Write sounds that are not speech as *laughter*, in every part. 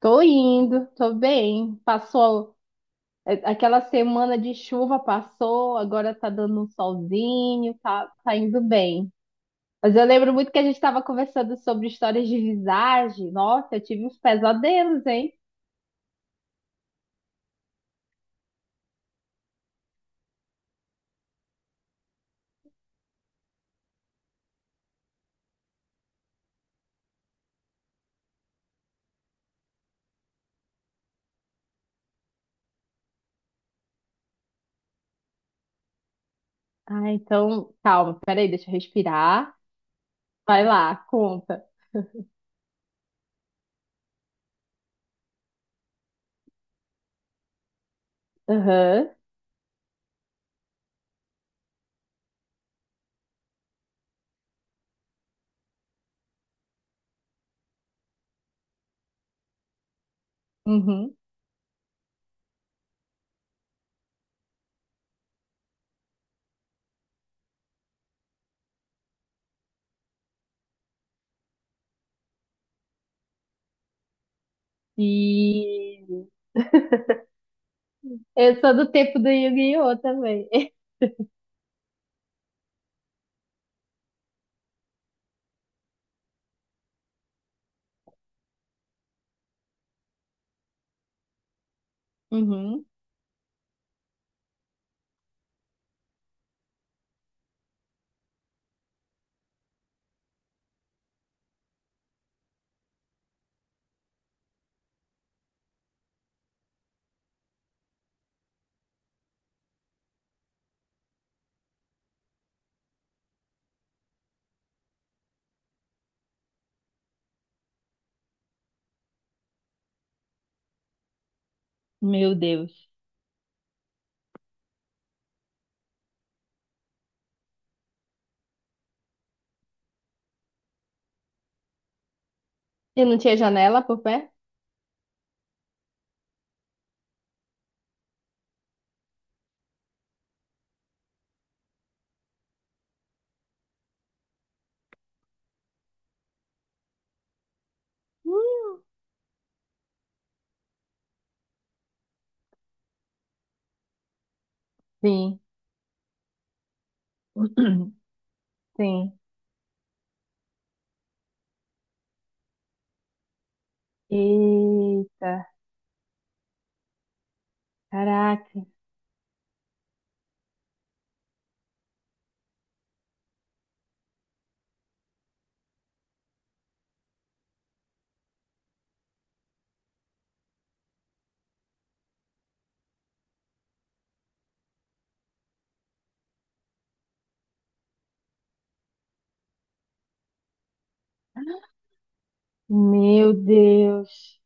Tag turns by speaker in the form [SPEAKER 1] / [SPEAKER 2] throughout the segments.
[SPEAKER 1] Tô indo, tô bem. Passou. É, aquela semana de chuva, passou, agora tá dando um solzinho, tá indo bem. Mas eu lembro muito que a gente estava conversando sobre histórias de visagem. Nossa, eu tive uns pesadelos, hein? Ah, então, calma, peraí, deixa eu respirar. Vai lá, conta. Aham, uhum. E eu sou do tempo do Yu-Gi-Oh! Também. *laughs* Uhum. Meu Deus. E não tinha janela por pé? Sim, *clears throat* sim. Eita, caraca, meu Deus.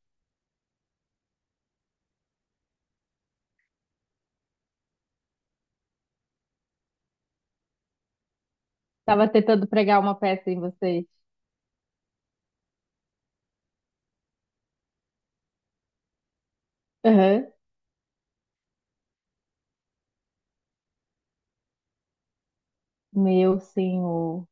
[SPEAKER 1] Tava tentando pregar uma peça em vocês. Aham. Meu senhor.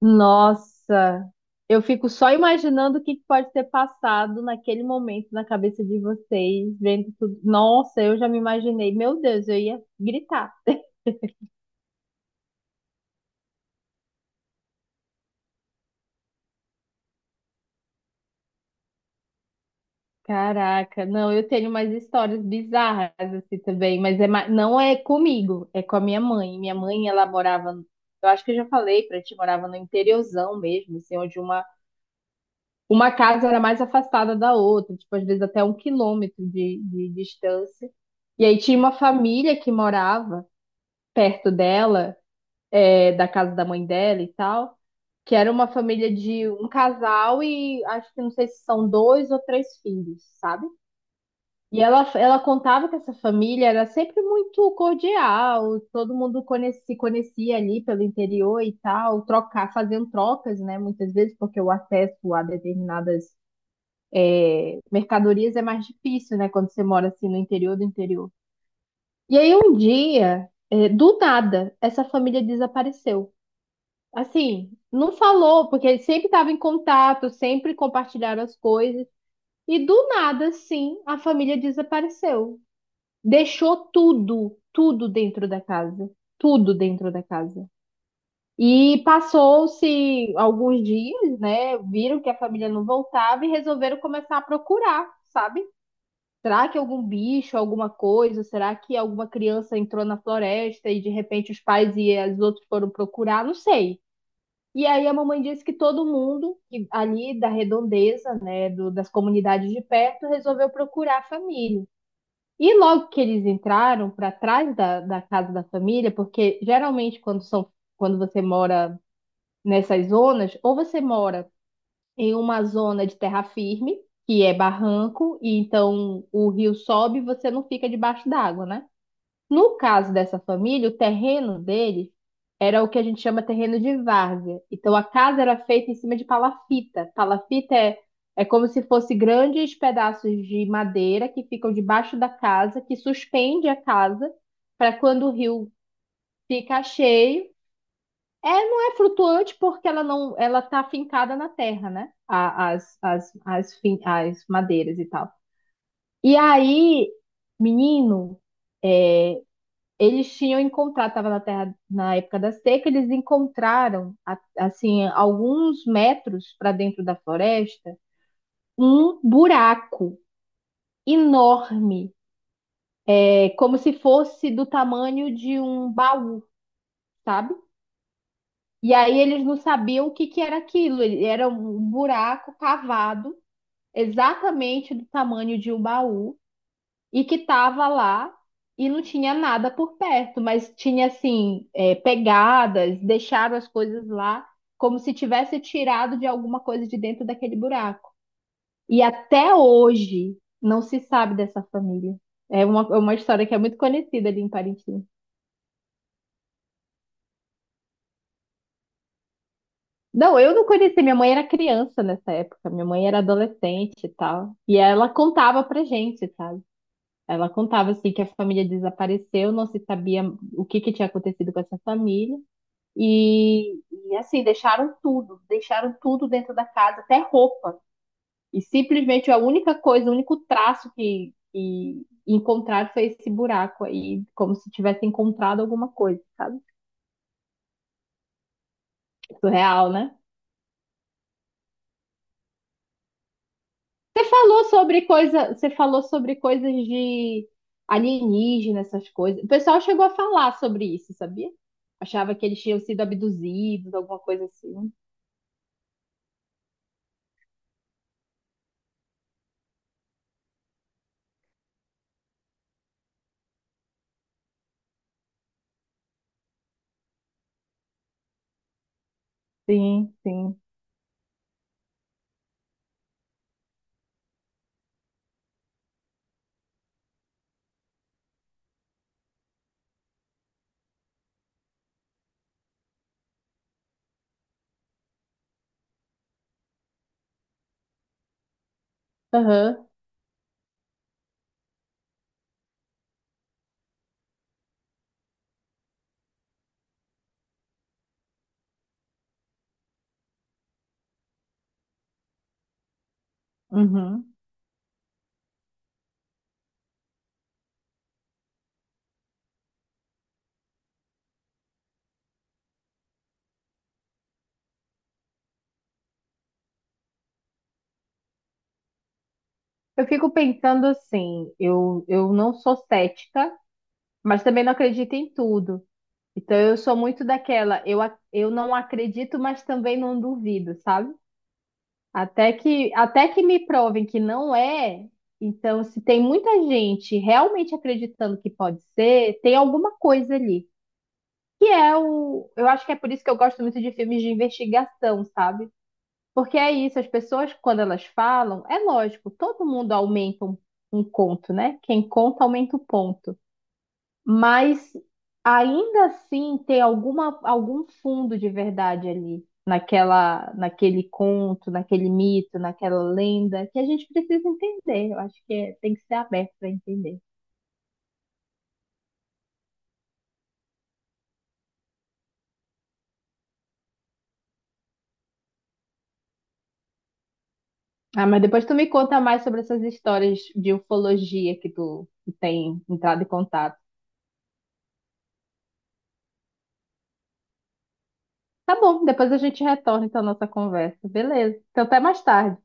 [SPEAKER 1] Nossa, eu fico só imaginando o que que pode ter passado naquele momento na cabeça de vocês, vendo tudo. Nossa, eu já me imaginei. Meu Deus, eu ia gritar. Caraca, não, eu tenho umas histórias bizarras assim também, mas é, não é comigo, é com a minha mãe. Minha mãe, ela morava, eu acho que eu já falei pra ti, morava no interiorzão mesmo, assim, onde uma casa era mais afastada da outra, tipo, às vezes até 1 quilômetro de distância. E aí tinha uma família que morava perto dela, é, da casa da mãe dela e tal, que era uma família de um casal e acho que não sei se são dois ou três filhos, sabe? E ela contava que essa família era sempre muito cordial, todo mundo se conhecia ali pelo interior e tal, trocar, fazendo trocas, né? Muitas vezes, porque o acesso a determinadas mercadorias é mais difícil, né? Quando você mora assim no interior do interior. E aí um dia, do nada, essa família desapareceu. Assim, não falou, porque eles sempre estavam em contato, sempre compartilharam as coisas. E do nada, sim, a família desapareceu, deixou tudo, tudo dentro da casa, tudo dentro da casa. E passou-se alguns dias, né? Viram que a família não voltava e resolveram começar a procurar, sabe? Será que algum bicho, alguma coisa? Será que alguma criança entrou na floresta e de repente os pais e os outros foram procurar? Não sei. E aí a mamãe disse que todo mundo que ali da redondeza, né, das comunidades de perto, resolveu procurar a família. E logo que eles entraram para trás da, da casa da família, porque geralmente quando são, quando você mora nessas zonas, ou você mora em uma zona de terra firme, que é barranco, e então o rio sobe e você não fica debaixo d'água, né? No caso dessa família, o terreno deles era o que a gente chama terreno de várzea. Então a casa era feita em cima de palafita. Palafita é, é como se fosse grandes pedaços de madeira que ficam debaixo da casa, que suspende a casa para quando o rio fica cheio. É, não é flutuante porque ela não, ela tá fincada na terra, né? As madeiras e tal. E aí, menino, eles tinham encontrado, estava na terra na época da seca, eles encontraram assim alguns metros para dentro da floresta um buraco enorme, é como se fosse do tamanho de um baú, sabe? E aí eles não sabiam o que que era aquilo. Era um buraco cavado exatamente do tamanho de um baú, e que tava lá e não tinha nada por perto, mas tinha assim, é, pegadas, deixaram as coisas lá como se tivesse tirado de alguma coisa de dentro daquele buraco. E até hoje não se sabe dessa família. É uma história que é muito conhecida ali em Parintins. Não, eu não conheci. Minha mãe era criança nessa época. Minha mãe era adolescente e tal. E ela contava pra gente, sabe? Ela contava assim que a família desapareceu, não se sabia o que que tinha acontecido com essa família. E assim, deixaram tudo dentro da casa, até roupa. E simplesmente a única coisa, o único traço que, encontraram foi esse buraco aí, como se tivesse encontrado alguma coisa, sabe? Surreal, né? Você falou sobre coisa, você falou sobre coisas de alienígena, essas coisas. O pessoal chegou a falar sobre isso, sabia? Achava que eles tinham sido abduzidos, alguma coisa assim. Sim, sim. Aham, uhum. Eu fico pensando assim, eu não sou cética, mas também não acredito em tudo. Então eu sou muito daquela, eu não acredito, mas também não duvido, sabe? Até que me provem que não é, então se tem muita gente realmente acreditando que pode ser, tem alguma coisa ali. Que é o, eu acho que é por isso que eu gosto muito de filmes de investigação, sabe? Porque é isso, as pessoas, quando elas falam, é lógico, todo mundo aumenta um, um conto, né? Quem conta aumenta o ponto. Mas ainda assim tem algum fundo de verdade ali, naquele conto, naquele mito, naquela lenda, que a gente precisa entender. Eu acho que tem que ser aberto para entender. Ah, mas depois tu me conta mais sobre essas histórias de ufologia que tu tem entrado em contato. Tá bom, depois a gente retorna então a nossa conversa. Beleza. Então até mais tarde.